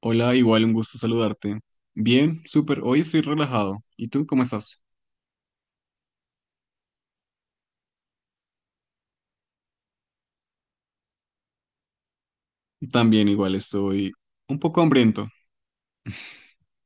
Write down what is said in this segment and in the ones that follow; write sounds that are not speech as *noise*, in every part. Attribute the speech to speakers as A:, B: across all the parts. A: Hola, igual un gusto saludarte. Bien, súper. Hoy estoy relajado. ¿Y tú cómo estás? También igual estoy un poco hambriento. *laughs*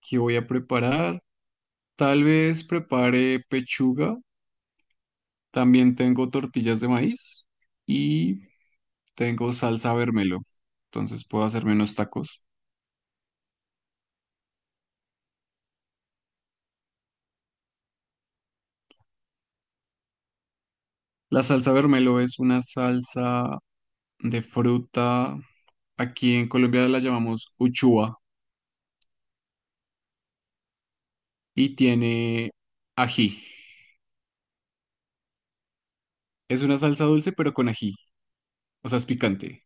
A: ¿Qué voy a preparar? Tal vez prepare pechuga. También tengo tortillas de maíz y tengo salsa vermelo. Entonces puedo hacerme unos tacos. La salsa vermelo es una salsa de fruta. Aquí en Colombia la llamamos uchua y tiene ají. Es una salsa dulce pero con ají. O sea, es picante.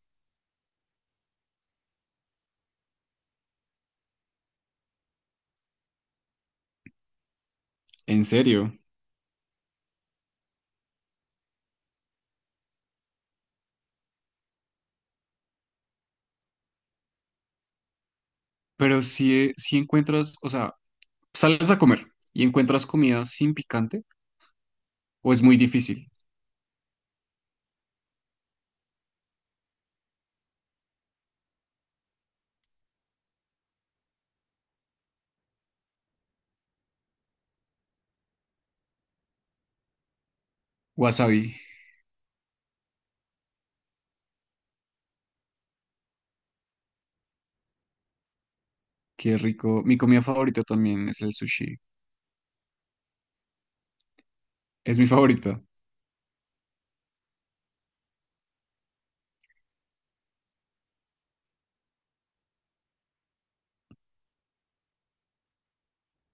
A: ¿En serio? Pero si, si encuentras, o sea, sales a comer y encuentras comida sin picante, o es muy difícil. Wasabi, qué rico. Mi comida favorita también es el sushi. Es mi favorita.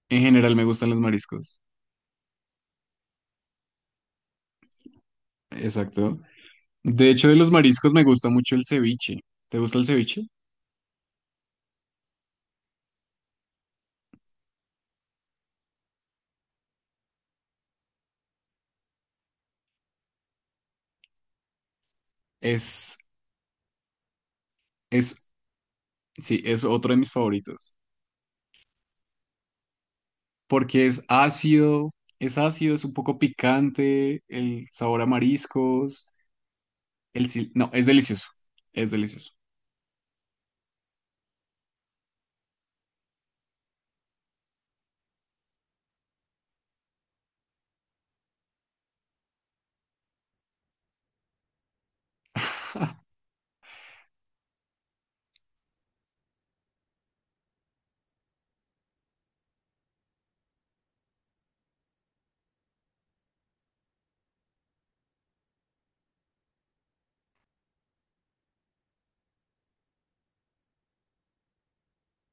A: En general me gustan los mariscos. Exacto. De hecho, de los mariscos me gusta mucho el ceviche. ¿Te gusta el ceviche? Es, es, sí, es otro de mis favoritos. Porque es ácido, es ácido, es un poco picante, el sabor a mariscos. No, es delicioso. Es delicioso.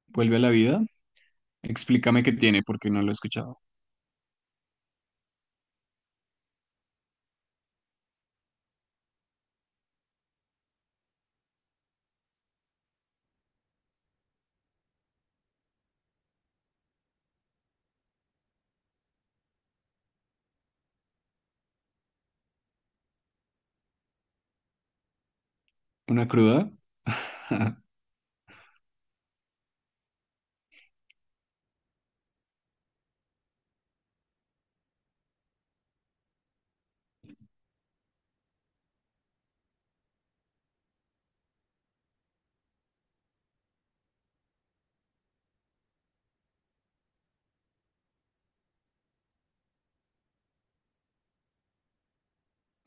A: Vuelve a la vida. Explícame qué tiene, porque no lo he escuchado. ¿Una cruda? *laughs*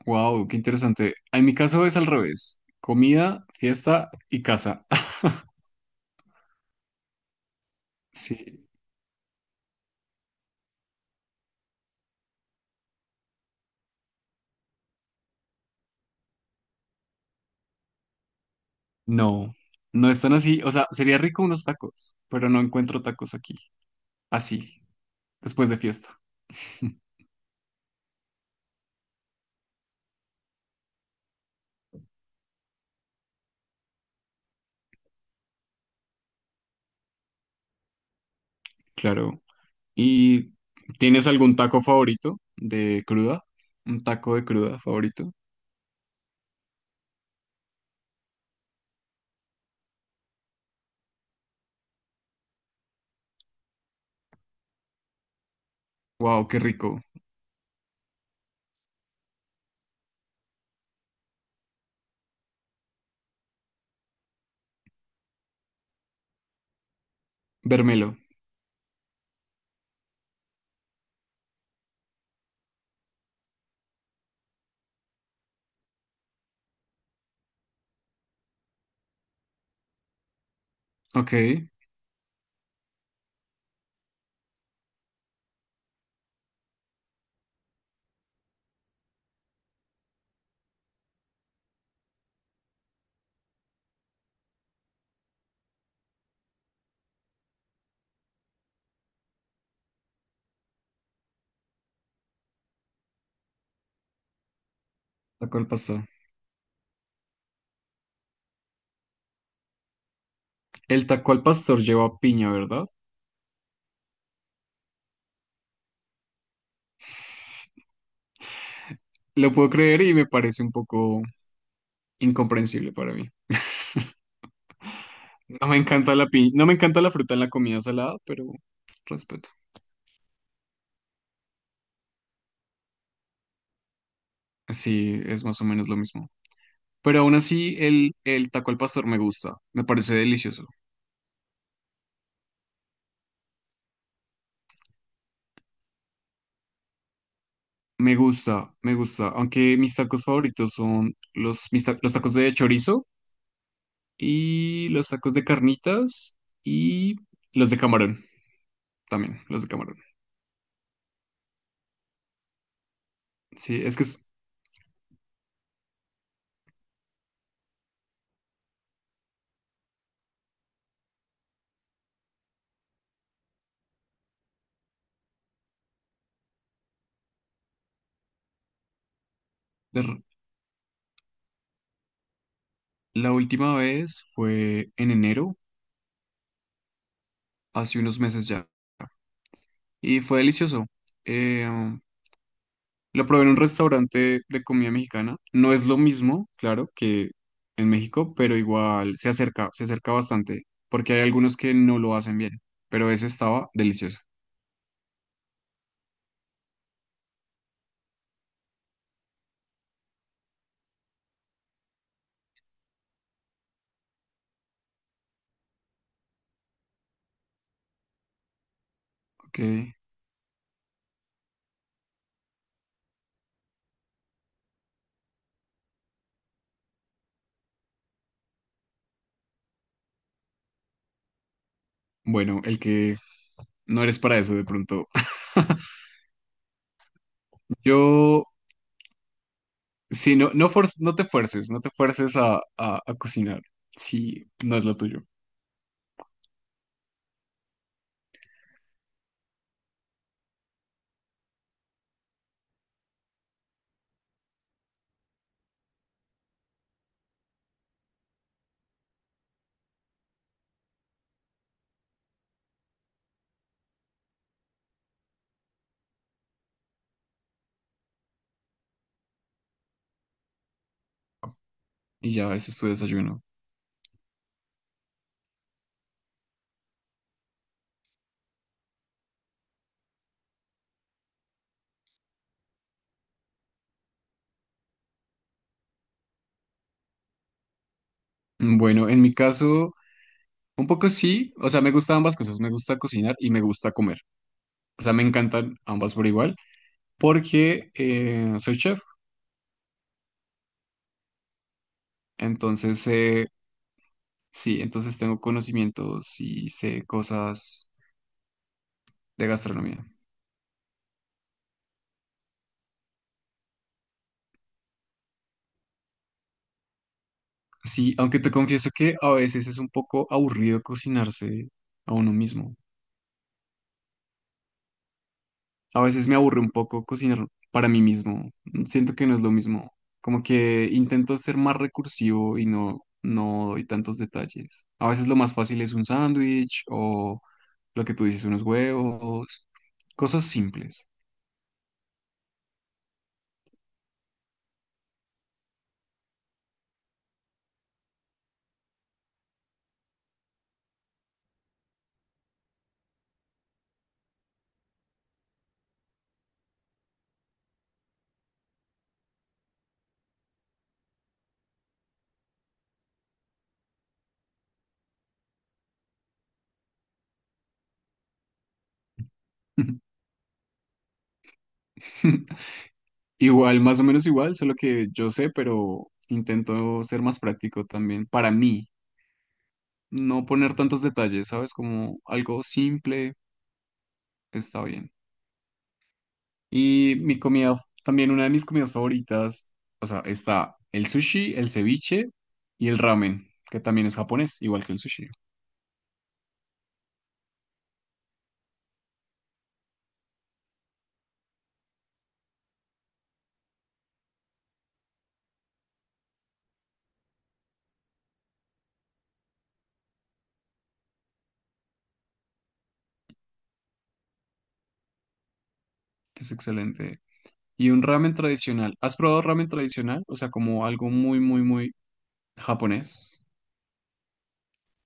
A: Wow, qué interesante. En mi caso es al revés. Comida, fiesta y casa. *laughs* Sí, no, no están así. O sea, sería rico unos tacos, pero no encuentro tacos aquí. Así, después de fiesta. *laughs* Claro. ¿Y tienes algún taco favorito de cruda? ¿Un taco de cruda favorito? Wow, qué rico. Vermelo. Ok. Taco al pastor. El taco al pastor lleva piña, ¿verdad? Lo puedo creer y me parece un poco incomprensible para mí. No me encanta la pi- No me encanta la fruta en la comida salada, pero respeto. Sí, es más o menos lo mismo. Pero aún así, el taco al pastor me gusta. Me parece delicioso. Me gusta, me gusta. Aunque mis tacos favoritos son los tacos de chorizo y los tacos de carnitas y los de camarón también, los de camarón. Sí, es que es... La última vez fue en enero, hace unos meses ya, y fue delicioso. Eh, um, lo probé en un restaurante de comida mexicana. No es lo mismo, claro, que en México, pero igual se acerca bastante, porque hay algunos que no lo hacen bien, pero ese estaba delicioso. Ok, bueno, el que no eres para eso de pronto. *laughs* Yo, no te fuerces, no te fuerces a cocinar, si no es lo tuyo. Y ya ese es tu desayuno. Bueno, en mi caso, un poco sí, o sea, me gustan ambas cosas, me gusta cocinar y me gusta comer. O sea, me encantan ambas por igual, porque soy chef, entonces sí, entonces tengo conocimientos y sé cosas de gastronomía. Sí, aunque te confieso que a veces es un poco aburrido cocinarse a uno mismo. A veces me aburre un poco cocinar para mí mismo. Siento que no es lo mismo. Como que intento ser más recursivo y no doy tantos detalles. A veces lo más fácil es un sándwich o lo que tú dices, unos huevos, cosas simples. *laughs* Igual, más o menos igual, solo que yo sé, pero intento ser más práctico también. Para mí, no poner tantos detalles, ¿sabes? Como algo simple está bien. Y mi comida, también una de mis comidas favoritas, o sea, está el sushi, el ceviche y el ramen, que también es japonés, igual que el sushi, es excelente. Y un ramen tradicional. ¿Has probado ramen tradicional? O sea, como algo muy, muy, muy japonés.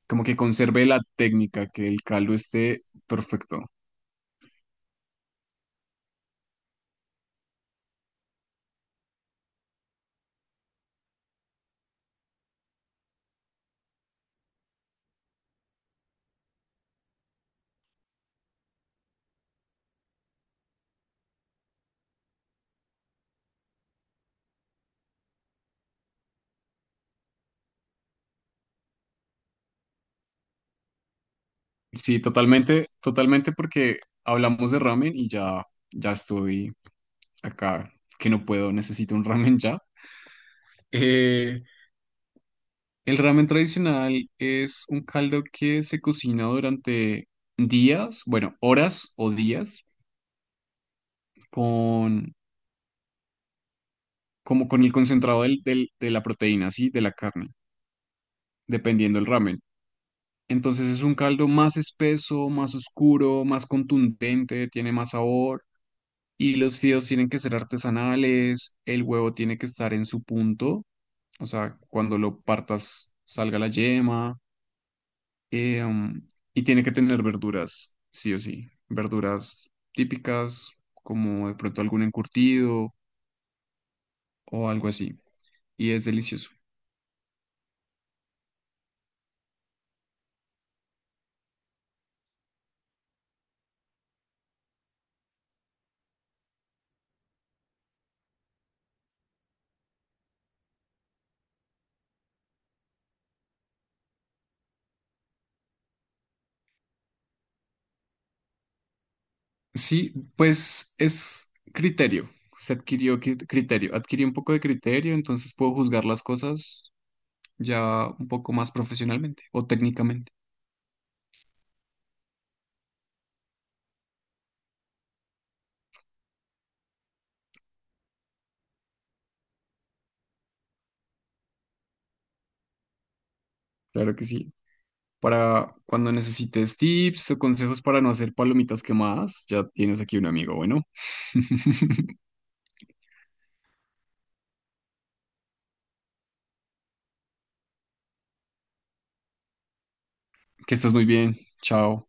A: Como que conserve la técnica, que el caldo esté perfecto. Sí, totalmente, totalmente porque hablamos de ramen y ya, ya estoy acá, que no puedo, necesito un *laughs* ramen ya. Eh, El ramen tradicional es un caldo que se cocina durante días, bueno, horas o días, con, como con el concentrado de la proteína, ¿sí? De la carne, dependiendo del ramen. Entonces es un caldo más espeso, más oscuro, más contundente, tiene más sabor y los fideos tienen que ser artesanales, el huevo tiene que estar en su punto, o sea, cuando lo partas salga la yema. Eh, um, y tiene que tener verduras, sí o sí. Verduras típicas, como de pronto algún encurtido o algo así. Y es delicioso. Sí, pues es criterio. Criterio. Adquirí un poco de criterio, entonces puedo juzgar las cosas ya un poco más profesionalmente o técnicamente. Claro que sí. Para cuando necesites tips o consejos para no hacer palomitas quemadas, ya tienes aquí un amigo. Bueno, *laughs* que estás muy bien. Chao.